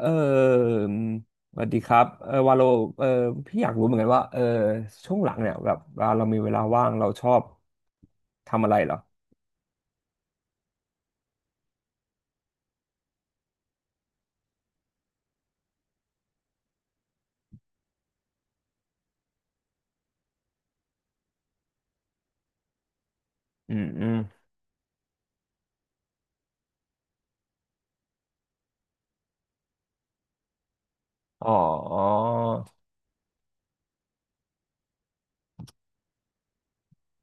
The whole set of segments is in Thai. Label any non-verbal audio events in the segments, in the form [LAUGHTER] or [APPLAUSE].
เออสวัสดีครับวาโลเออพี่อยากรู้เหมือนกันว่าช่วงหลังเนี่ยแบบเวลาเรามีเวลาว่างเราชอบทำอะไรเหรออืมอืมอ๋อ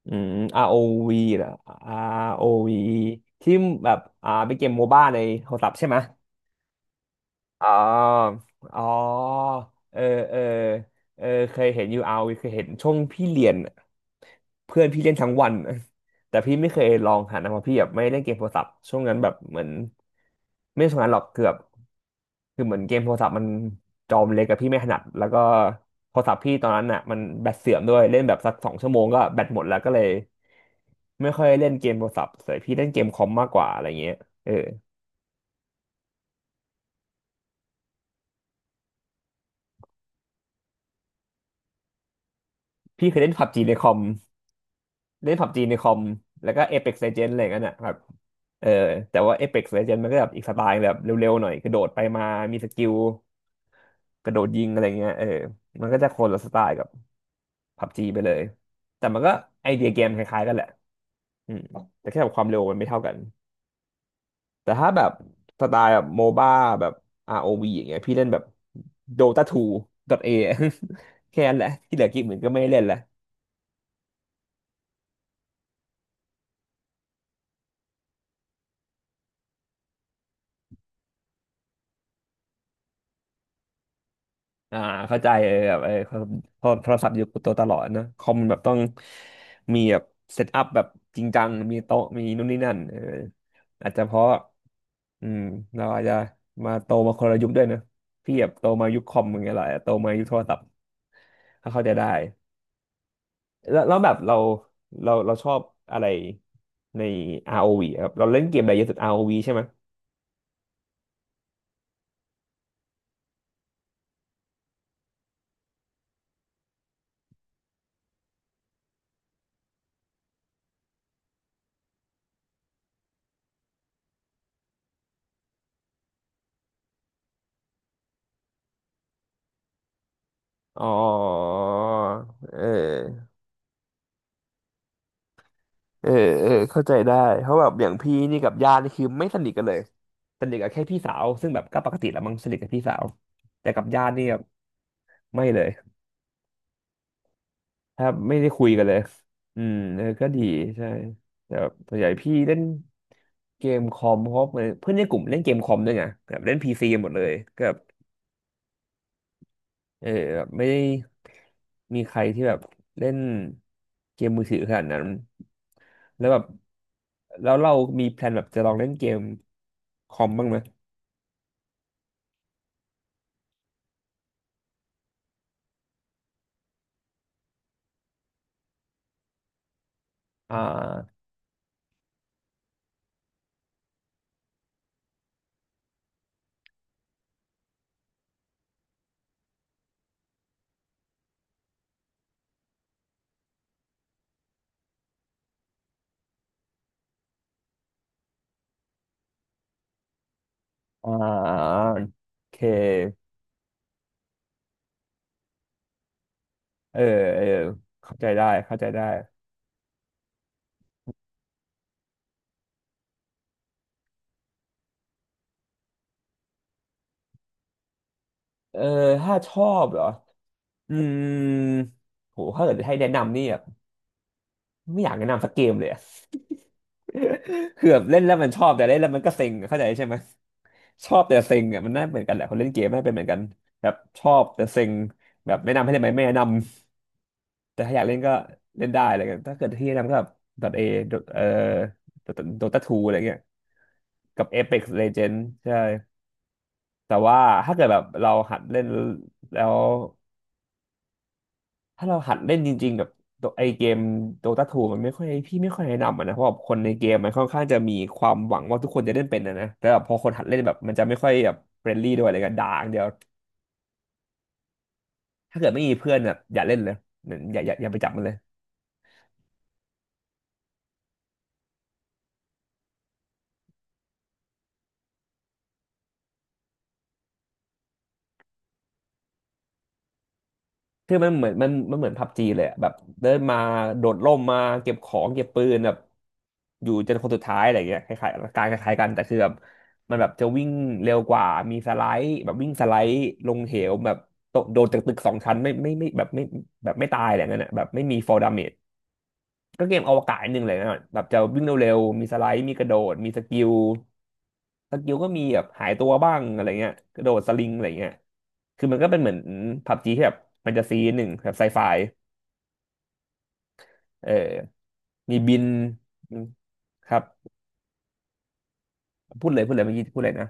อืม ROV เหรอ ROV ที่แบบเป็นเกมโมบ้าในโทรศัพท์ใช่ไหม อ๋ออ๋อเออเออเคยเห็นยูเอาเคยเห็นช่วงพี่เรียนอะเพื่อนพี่เล่นทั้งวัน [LAUGHS] อะแต่พี่ไม่เคยลองหันนะเพราะพี่แบบไม่เล่นเกมโทรศัพท์ช่วงนั้นแบบเหมือนไม่ช่วงนั้นหรอกเกือบคือเหมือนเกมโทรศัพท์มันจอมเล็กกับพี่ไม่ถนัดแล้วก็โทรศัพท์พี่ตอนนั้นอ่ะมันแบตเสื่อมด้วยเล่นแบบสักสองชั่วโมงก็แบตหมดแล้วก็เลยไม่ค่อยเล่นเกมโทรศัพท์เลยพี่เล่นเกมคอมมากกว่าอะไรเงี้ยเออพี่เคยเล่นพับจีในคอม เล่นผับจีในคอมแล้วก็ Apex Legends อะไรกันน่ะแบบเออแต่ว่า Apex Legends มันก็แบบอีกสไตล์แบบเร็วๆหน่อยกระโดดไปมามีสกิลกระโดดยิงอะไรเงี้ยมันก็จะคนละสไตล์กับผับจีไปเลยแต่มันก็ไอเดียเกมคล้ายๆกันแหละอืมแต่แค่แบบความเร็วมันไม่เท่ากันแต่ถ้าแบบสไตล์แบบโมบ้าแบบ ROV อวีอย่างเงี้ยพี่เล่นแบบ Dota 2 .A [LAUGHS] แค่นั้นแหละที่เหลือกิกเหมือนก็ไม่ได้เล่นละ อ่าเข้าใจแบบพอโทรศัพท์อยู่กับตัวตลอดนะคอมแบบต้องมีแบบเซตอัพแบบจริงจังมีโต๊ะมีนู่นนี่นั่นอาจจะเพราะอืมเราอาจจะโตมาคนละยุคด้วยนะพี่แบบโตมายุคคอมอย่างเงี้ยแหละโตมายุคโทรศัพท์ก็เข้าใจได้แล้วแล้วแบบเราชอบอะไรใน ROV อวีอะครับเราเล่นเกมอะไรเยอะสุด ROV ใช่ไหมยอ๋อเออ เออเออเข้าใจได้เพราะแบบอย่างพี่นี่กับญาตินี่คือไม่สนิทกันเลยสนิทกับแค่พี่สาว ซึ่งแบบก็ปกติแหละมั้งสนิทกับพี่สาว แต่กับญาตินี่แบบไม่เลยถ้าไม่ได้คุยกันเลยอืมก็ดีใช่ แต่แบบส่วนใหญ่พี่เล่นเกมคอมเพราะเหมือนเพื่อนในกลุ่มเล่นเกมคอมด้วยไงแบบเล่นพีซีหมดเลยก็แบบ เออแบบไม่ได้มีใครที่แบบเล่นเกมมือถือขนาดนั้นแล้วแบบแล้วเรามีแพลนแบบจะลองเล่นเกมคอมบ้างไหมอ่าอ่าโอเคเออเออเข้าใจได้เข้าใจได้เออถ้าชอบเหรออืมโหถ้าเกิดให้แนะนำนี่แบบไม่อยากแนะนำสักเกมเลยอะ [LAUGHS] คือแบบเล่นแล้วมันชอบแต่เล่นแล้วมันก็เซ็งอะเข้าใจใช่ไหม ชอบแต่เซ็งเนี่ยมันน่าเหมือนกันแหละคนเล่นเกมน่าเป็นเหมือนกันแบบชอบแต่เซ็งแบบแนะนำให้เล่นไหมไม่แนะนำแต่ถ้าอยากเล่นก็เล่นได้อะไรเงี้ยถ้าเกิดที่แนะนำก็แบบ .A เอ่อ Dota 2อะไรเงี้ยกับ Apex Legends ใช่แต่ว่าถ้าเกิดแบบเราหัดเล่นแล้วถ้าเราหัดเล่นจริงๆแบบตัวไอเกม Dota 2มันไม่ค่อยพี่ไม่ค่อยแนะนำอะนะเพราะแบบคนในเกมมันค่อนข้างจะมีความหวังว่าทุกคนจะเล่นเป็นนะแต่แบบพอคนหัดเล่นแบบมันจะไม่ค่อยแบบเฟรนลี่ด้วยอะไรกันด่าอย่างเดียว ถ้าเกิดไม่มีเพื่อนแบบอย่าเล่นเลยเหมือนอย่าไปจับมันเลยคือมันเหมือนมันเหมือนพับจีเลยอะแบบเดินมาโดดร่มมาเก็บของเก็บปืนแบบอยู่จนคนสุดท้ายอะไรอย่างเงี้ยคล้ายๆกันแต่คือแบบมันแบบจะวิ่งเร็วกว่ามีสไลด์แบบวิ่งสไลด์ลงเหวแบบตกโดดจากตึกสองชั้นไม่ไม่ไม่แบบไม่แบบไม่ตายอะไรเงี้ยนะแบบไม่มี fall damage ก็เกมอวกาศนิดนึงเลยนะแบบจะวิ่งเร็วๆมีสไลด์มีกระโดดมีสกิล สกิวก็มีแบบหายตัวบ้างอะไรเงี้ยกระโดดสลิงอะไรเงี้ยคือมันก็เป็นเหมือนผับจีที่แบบมันจะซีหนึ่งแบบไซไฟเออมีบินครับพูดเลยพูดเลยเมื่อกี้พูดเลยนะ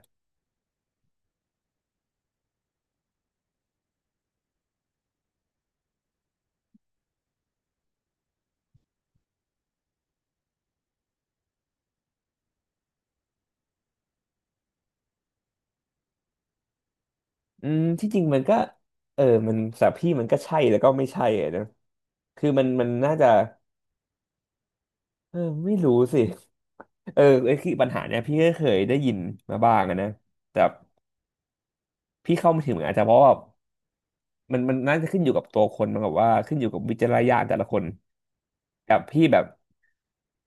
อืมที่จริงมันก็เออมันสำหรับพี่มันก็ใช่แล้วก็ไม่ใช่อะนะคือมันน่าจะเออไม่รู้สิเออไอ้คือปัญหาเนี้ยพี่ก็เคยได้ยินมาบ้างอะนะแต่พี่เข้าไม่ถึงอาจจะเพราะว่ามันน่าจะขึ้นอยู่กับตัวคนมันกับว่าขึ้นอยู่กับวิจารณญาณแต่ละคน แบบพี่แบบ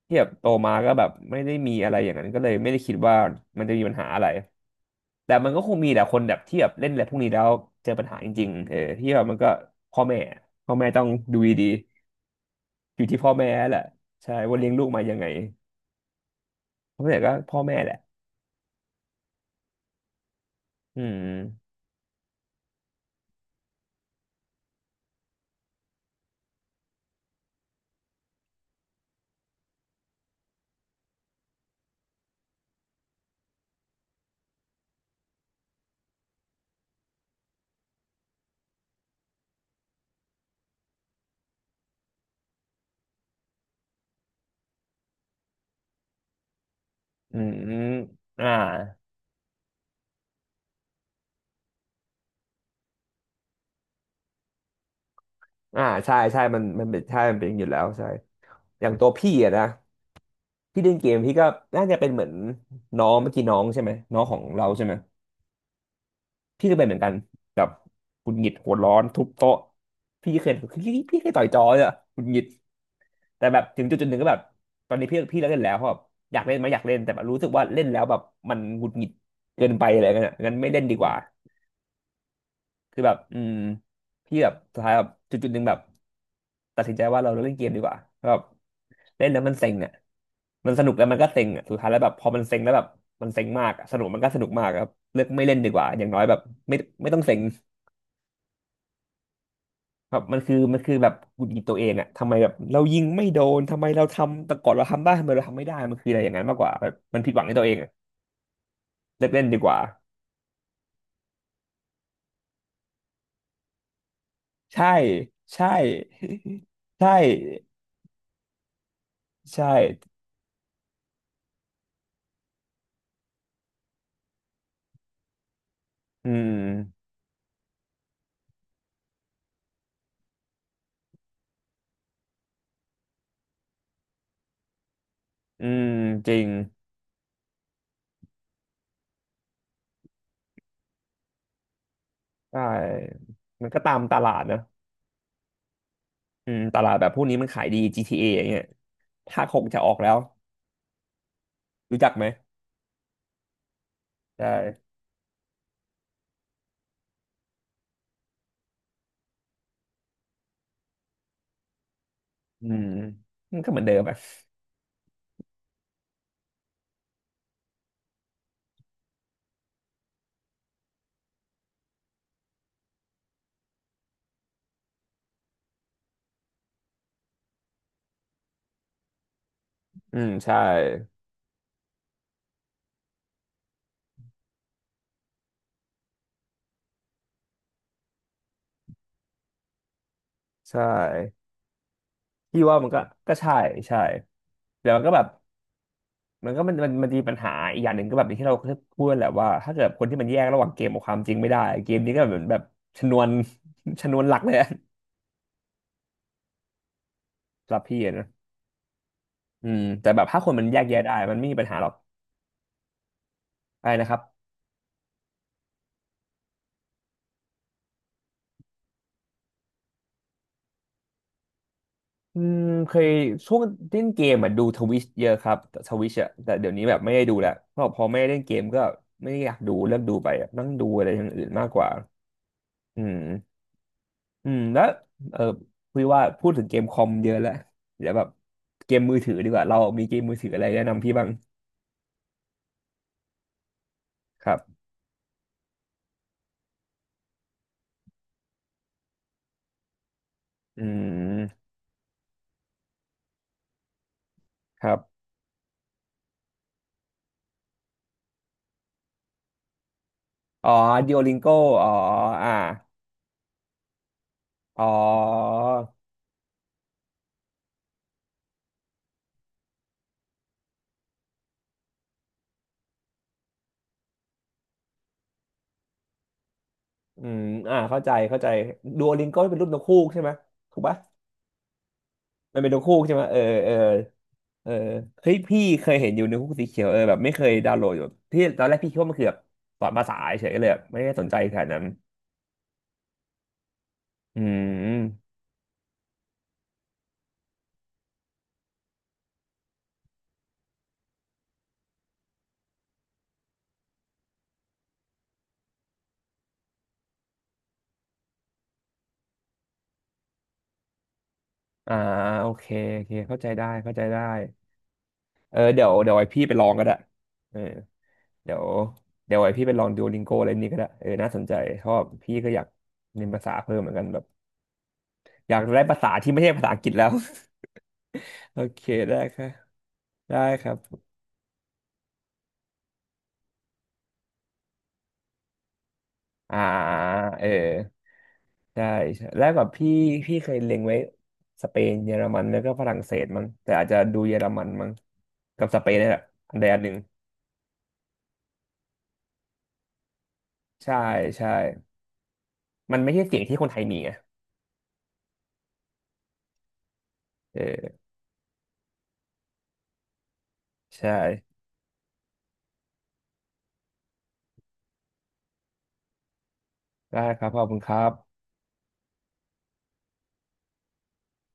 ที่แบบโตมาก็แบบไม่ได้มีอะไรอย่างนั้นก็เลยไม่ได้คิดว่ามันจะมีปัญหาอะไรแต่มันก็คงมีแหละคนแบบที่แบบเล่นอะไรพวกนี้แล้วเจอปัญหาจริงๆเออที่แบบมันก็พ่อแม่พ่อแม่ต้องดูดีๆอยู่ที่พ่อแม่แหละใช่ว่าเลี้ยงลูกมายังไงเพราะฉะนั้่ก็พ่อแม่แหละอืมอืมอมอ่าอ่าใช่ใช่มันเป็นใช่ มันเป็นอยู่แล้วใช่อย่างตัวพี่อะนะพี่เล่นเกมพี่ก็น่าจะเป็นเหมือนน้องเมื่อกี้น้องใช่ไหมน้องของเราใช่ไหม พี่ก็เป็นเหมือนกันแบบหงุดหงิดหัวร้อนทุบโต๊ะพี่เคยต่อยจอเลยอะหงุดหงิดแต่แบบถึงจุดจุดหนึ่งก็แบบตอนนี้พี่เลิกเล่นแล้วเพราะแบบอยากเล่นไหมอยากเล่นแต่แบบรู้สึกว่าเล่นแล้วแบบมันหงุดหงิดเกินไปอะไรเงี้ยงั้นไม่เล่นดีกว่าคือแบบอืมพี่แบบสุดท้ายแบบจุดจุดหนึ่งแบบตัดสินใจว่าเราเล่นเกมดีกว่าแบบเล่นแล้วมันเซ็งอ่ะมันสนุกแล้วมันก็เซ็งอ่ะสุดท้ายแล้วแบบพอมันเซ็งแล้วแบบมันเซ็งมากอะสนุกมันก็สนุกมากอะครับเลือกไม่เล่นดีกว่าอย่างน้อยแบบไม่ไม่ต้องเซ็ง แบบมันคือแบบหงุดหงิดตัวเองอะทำไมแบบเรายิงไม่โดนทำไมเราทำแต่ก่อนเราทำได้ทำไมเราทำไม่ได้มันคืออะไรอย่างนั้นมากกว่าแบบมันผิดหวังในตัวเองอะเลิกเล่นดีกว่าใช่ใช่ [LAUGHS] ใช่ใช่อืมอืมจริงใช่มันก็ตามตลาดนะอืมตลาดแบบพวกนี้มันขายดี GTA ออย่างเงี้ยภาคหกจะออกแล้วรู้จักไหมใช่อืมมันก็เหมือนเดิมอะอืมใช่ใช่พี่ว่ามันก็ก็ใช่ใช่แต่มันก็แบบ มันก็มันมีปัญหาอีกอย่างหนึ่งก็แบบอย่างที่เราเคยพูดแหละว่าถ้าเกิดคนที่มันแยกระหว่างเกมกับความจริงไม่ได้เกมนี้ก็เหมือนแบบชนวน [LAUGHS] ชนวนหลักเลยอะสำหรับพี่อะนะอืมแต่แบบถ้าคนมันแยกแยะได้มันไม่มีปัญหาหรอกอะไรนะครับอืมเคยช่วงเล่นเกมอ่ะดูทวิชเยอะครับทวิชอ่ะแต่เดี๋ยวนี้แบบไม่ได้ดูแล้วเพราะพอไม่ได้เล่นเกมก็ไม่ได้อยากดูเลิกดูไปอะนั่งดูอะไรอย่างอื่นมากกว่าอืม อืมแล้วเออคุยว่าพูดถึงเกมคอมเยอะแล้วเดี๋ยวแบบเกมมือถือดีกว่าเรามีเกมมือถืออะไรแนะนำพี่บ้างครับอืมครับอ๋อดิโอลิงโกอ๋ออ่าอ๋ออืมอ่าเข้าใจเข้าใจดูโอลิงโกเป็นรุ่นักฮูกใช่ไหมถูกปะมันเป็นนกฮูกใช่ไหมเออเออเออเฮ้ยพี่เคยเห็นอยู่ในกฮูกสีเขียวเออแบบไม่เคยดาวน์โหลดอยู่ที่ตอนแรกพี่คิดว่ามันคือแบบสอนภาษาเฉยๆเลยแบบไม่ได้สนใจขนาดนั้นอืม อ่าโอเคโอเคเข้าใจได้เข้าใจได้เออเดี๋ยวไอพี่ไปลองก็ได้เออเดี๋ยวเดี๋ยวไอพี่ไปลองดูลิงโกอะไรนี่ก็ได้เออน่าสนใจเพราะว่าพี่ก็อยากเรียนภาษาเพิ่มเหมือนกันแบบอยากได้ภาษาที่ไม่ใช่ภาษาอังกฤษแล้ว [LAUGHS] โอเคได้ครับได้ครับอ่าเออใช่ใช่แล้วแบบพี่เคยเล็งไว้สเปนเยอรมันแล้วก็ฝรั่งเศสมั้งแต่อาจจะดูเยอรมันมั้งกับสเปนนี่แหละอันใดอันหนึ่งใช่ใช่มันไม่ใช่เสียงที่คนไทยมีไง เออใช่ได้ครับขอบคุณครับ